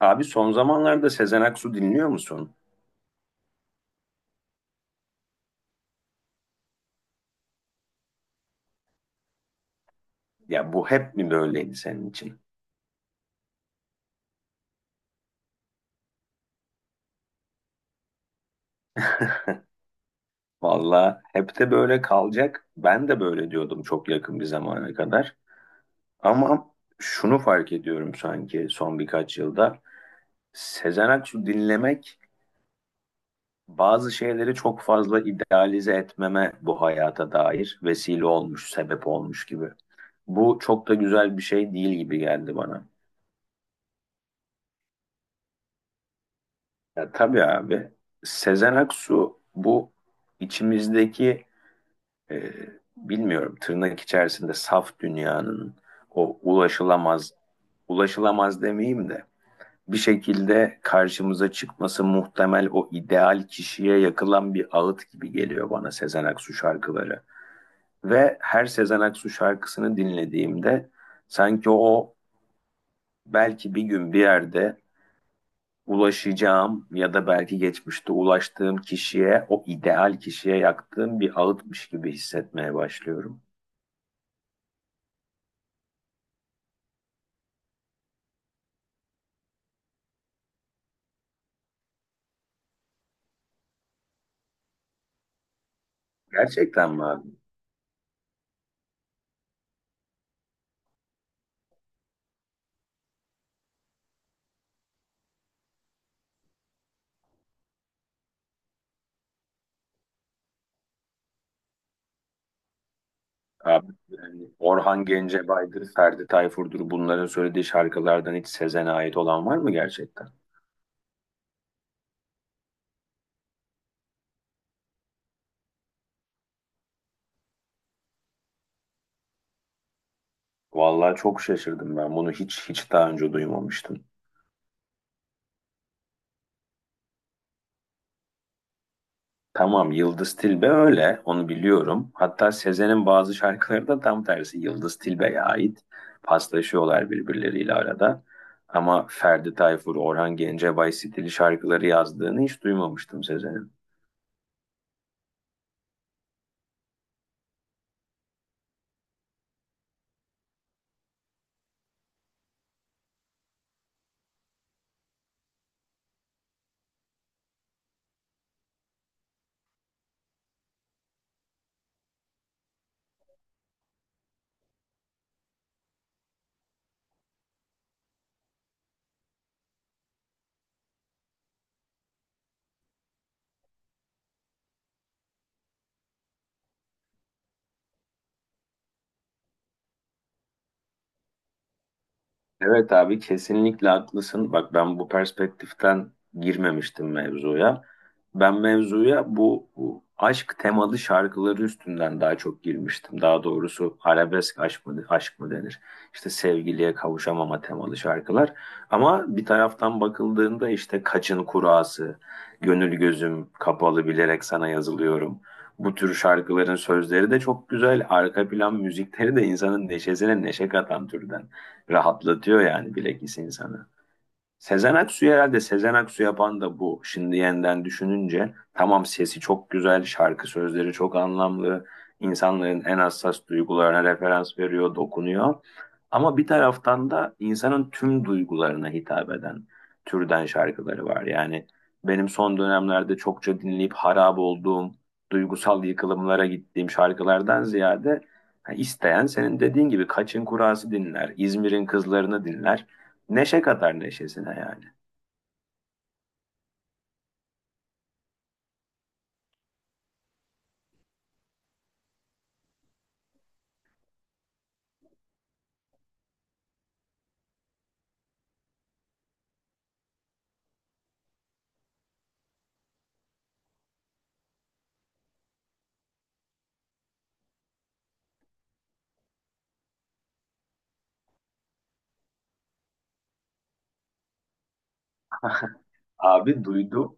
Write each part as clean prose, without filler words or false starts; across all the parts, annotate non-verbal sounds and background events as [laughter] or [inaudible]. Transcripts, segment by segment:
Abi son zamanlarda Sezen Aksu dinliyor musun? Ya bu hep mi böyleydi senin için? [laughs] Valla hep de böyle kalacak. Ben de böyle diyordum çok yakın bir zamana kadar. Ama şunu fark ediyorum sanki son birkaç yılda. Sezen Aksu dinlemek bazı şeyleri çok fazla idealize etmeme bu hayata dair vesile olmuş, sebep olmuş gibi. Bu çok da güzel bir şey değil gibi geldi bana. Ya tabii abi. Sezen Aksu bu içimizdeki e, bilmiyorum tırnak içerisinde saf dünyanın o ulaşılamaz ulaşılamaz demeyeyim de bir şekilde karşımıza çıkması muhtemel o ideal kişiye yakılan bir ağıt gibi geliyor bana Sezen Aksu şarkıları. Ve her Sezen Aksu şarkısını dinlediğimde sanki o belki bir gün bir yerde ulaşacağım ya da belki geçmişte ulaştığım kişiye, o ideal kişiye yaktığım bir ağıtmış gibi hissetmeye başlıyorum. Gerçekten mi abi? Abi yani Orhan Gencebay'dır, Ferdi Tayfur'dur bunların söylediği şarkılardan hiç Sezen'e ait olan var mı gerçekten? Vallahi çok şaşırdım ben. Bunu hiç daha önce duymamıştım. Tamam Yıldız Tilbe öyle onu biliyorum. Hatta Sezen'in bazı şarkıları da tam tersi Yıldız Tilbe'ye ait. Paslaşıyorlar birbirleriyle arada. Ama Ferdi Tayfur, Orhan Gencebay stili şarkıları yazdığını hiç duymamıştım Sezen'in. Evet abi kesinlikle haklısın. Bak ben bu perspektiften girmemiştim mevzuya. Ben mevzuya bu aşk temalı şarkıları üstünden daha çok girmiştim. Daha doğrusu arabesk aşk mı, aşk mı denir? İşte sevgiliye kavuşamama temalı şarkılar. Ama bir taraftan bakıldığında işte Kaçın Kurası, Gönül Gözüm Kapalı Bilerek Sana Yazılıyorum. Bu tür şarkıların sözleri de çok güzel. Arka plan müzikleri de insanın neşesine neşe katan türden rahatlatıyor yani bilekis insanı. Sezen Aksu herhalde Sezen Aksu yapan da bu. Şimdi yeniden düşününce tamam sesi çok güzel, şarkı sözleri çok anlamlı, insanların en hassas duygularına referans veriyor, dokunuyor. Ama bir taraftan da insanın tüm duygularına hitap eden türden şarkıları var. Yani benim son dönemlerde çokça dinleyip harap olduğum, duygusal yıkılımlara gittiğim şarkılardan ziyade ha, isteyen senin dediğin gibi Kaçın Kurası dinler, İzmir'in Kızlarını dinler. Neşe kadar neşesine yani. Abi duydum.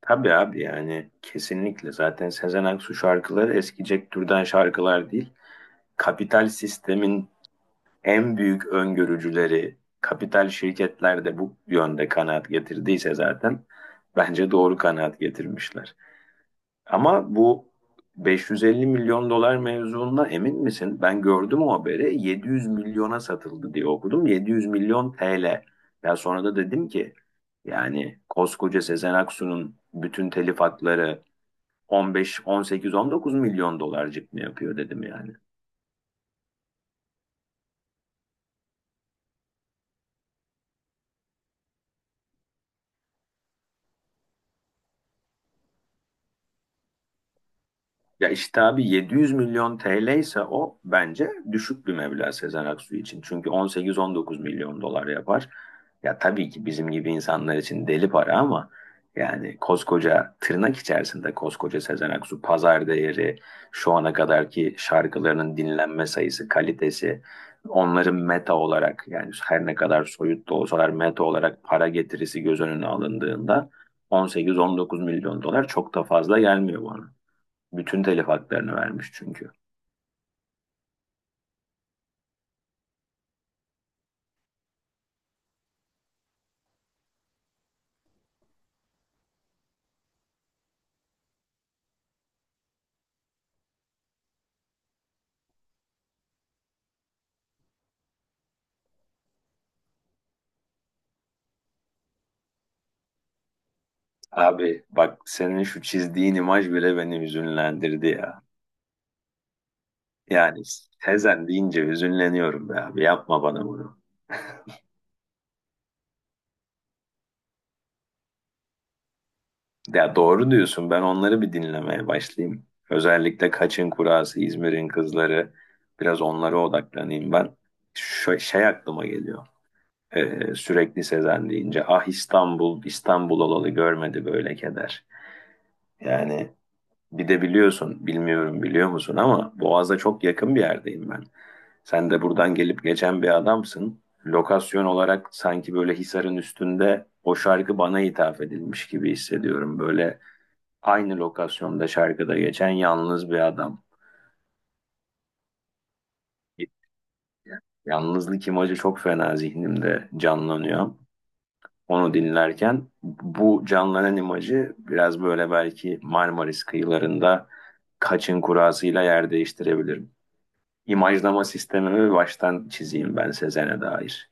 Tabii abi yani kesinlikle zaten Sezen Aksu şarkıları eskicek türden şarkılar değil. Kapital sistemin en büyük öngörücüleri, kapital şirketler de bu yönde kanaat getirdiyse zaten bence doğru kanaat getirmişler. Ama bu 550 milyon dolar mevzuundan emin misin? Ben gördüm o haberi. 700 milyona satıldı diye okudum. 700 milyon TL. Ya sonra da dedim ki yani koskoca Sezen Aksu'nun bütün telif hakları 15, 18, 19 milyon dolarcık mı yapıyor dedim yani. Ya işte abi 700 milyon TL ise o bence düşük bir meblağ Sezen Aksu için. Çünkü 18-19 milyon dolar yapar. Ya tabii ki bizim gibi insanlar için deli para ama yani koskoca tırnak içerisinde koskoca Sezen Aksu pazar değeri, şu ana kadarki şarkılarının dinlenme sayısı, kalitesi, onların meta olarak yani her ne kadar soyut da olsalar meta olarak para getirisi göz önüne alındığında 18-19 milyon dolar çok da fazla gelmiyor bana. Bütün telif haklarını vermiş çünkü. Abi bak senin şu çizdiğin imaj bile beni hüzünlendirdi ya. Yani Sezen deyince hüzünleniyorum be abi yapma bana bunu. Ya doğru diyorsun ben onları bir dinlemeye başlayayım. Özellikle Kaçın Kurası, İzmir'in Kızları biraz onlara odaklanayım ben. Şey aklıma geliyor. Sürekli Sezen deyince ah İstanbul, İstanbul olalı görmedi böyle keder. Yani bir de biliyorsun, bilmiyorum biliyor musun ama Boğaz'a çok yakın bir yerdeyim ben. Sen de buradan gelip geçen bir adamsın. Lokasyon olarak sanki böyle Hisar'ın üstünde o şarkı bana hitap edilmiş gibi hissediyorum. Böyle aynı lokasyonda şarkıda geçen yalnız bir adam. Yalnızlık imajı çok fena zihnimde canlanıyor. Onu dinlerken bu canlanan imajı biraz böyle belki Marmaris kıyılarında kaçın kurasıyla yer değiştirebilir. İmajlama sistemimi baştan çizeyim ben Sezen'e dair.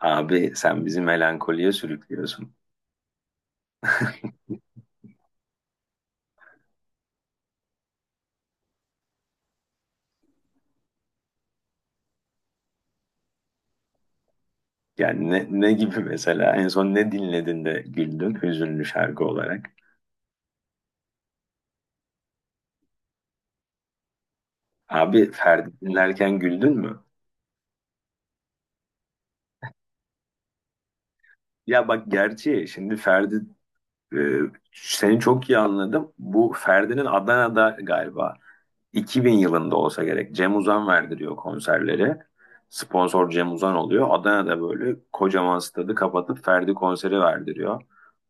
Abi sen bizi melankoliye sürüklüyorsun. Yani ne gibi mesela en son ne dinledin de güldün hüzünlü şarkı olarak? Abi Ferdi dinlerken güldün mü? Ya bak gerçi şimdi e, seni çok iyi anladım. Bu Ferdi'nin Adana'da galiba 2000 yılında olsa gerek. Cem Uzan verdiriyor konserleri. Sponsor Cem Uzan oluyor. Adana'da böyle kocaman stadı kapatıp Ferdi konseri verdiriyor.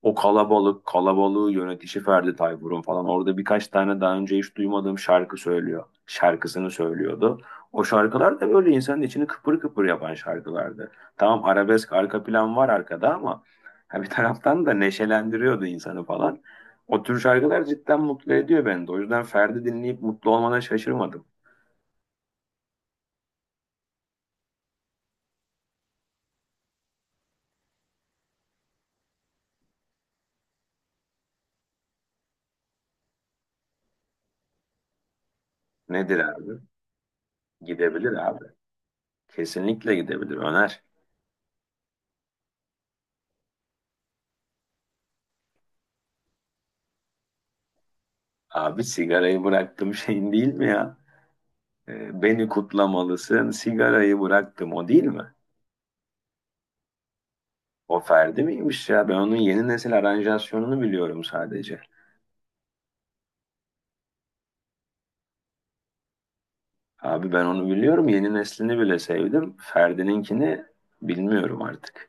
O kalabalık, kalabalığı yönetişi Ferdi Tayfur'un falan. Orada birkaç tane daha önce hiç duymadığım şarkı söylüyor. Şarkısını söylüyordu. O şarkılar da böyle insanın içini kıpır kıpır yapan şarkılardı. Tamam arabesk arka plan var arkada ama [laughs] ha bir taraftan da neşelendiriyordu insanı falan. O tür şarkılar cidden mutlu ediyor beni de. O yüzden Ferdi dinleyip mutlu olmana şaşırmadım. Nedir abi? Gidebilir abi. Kesinlikle gidebilir. Öner. Abi sigarayı bıraktım [laughs] şeyin değil mi ya? Beni kutlamalısın. Sigarayı bıraktım o değil mi? O Ferdi miymiş ya? Ben onun yeni nesil aranjasyonunu biliyorum sadece. Abi ben onu biliyorum. Yeni neslini bile sevdim. Ferdi'ninkini bilmiyorum artık.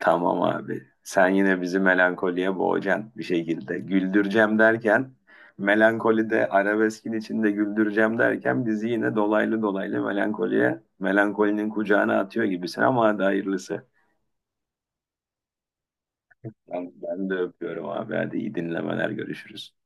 Tamam abi. Sen yine bizi melankoliye boğacaksın bir şekilde. Güldüreceğim derken melankolide arabeskin içinde güldüreceğim derken bizi yine dolaylı dolaylı melankoliye melankolinin kucağına atıyor gibisin ama hadi hayırlısı. Ben de öpüyorum abi. Hadi iyi dinlemeler görüşürüz.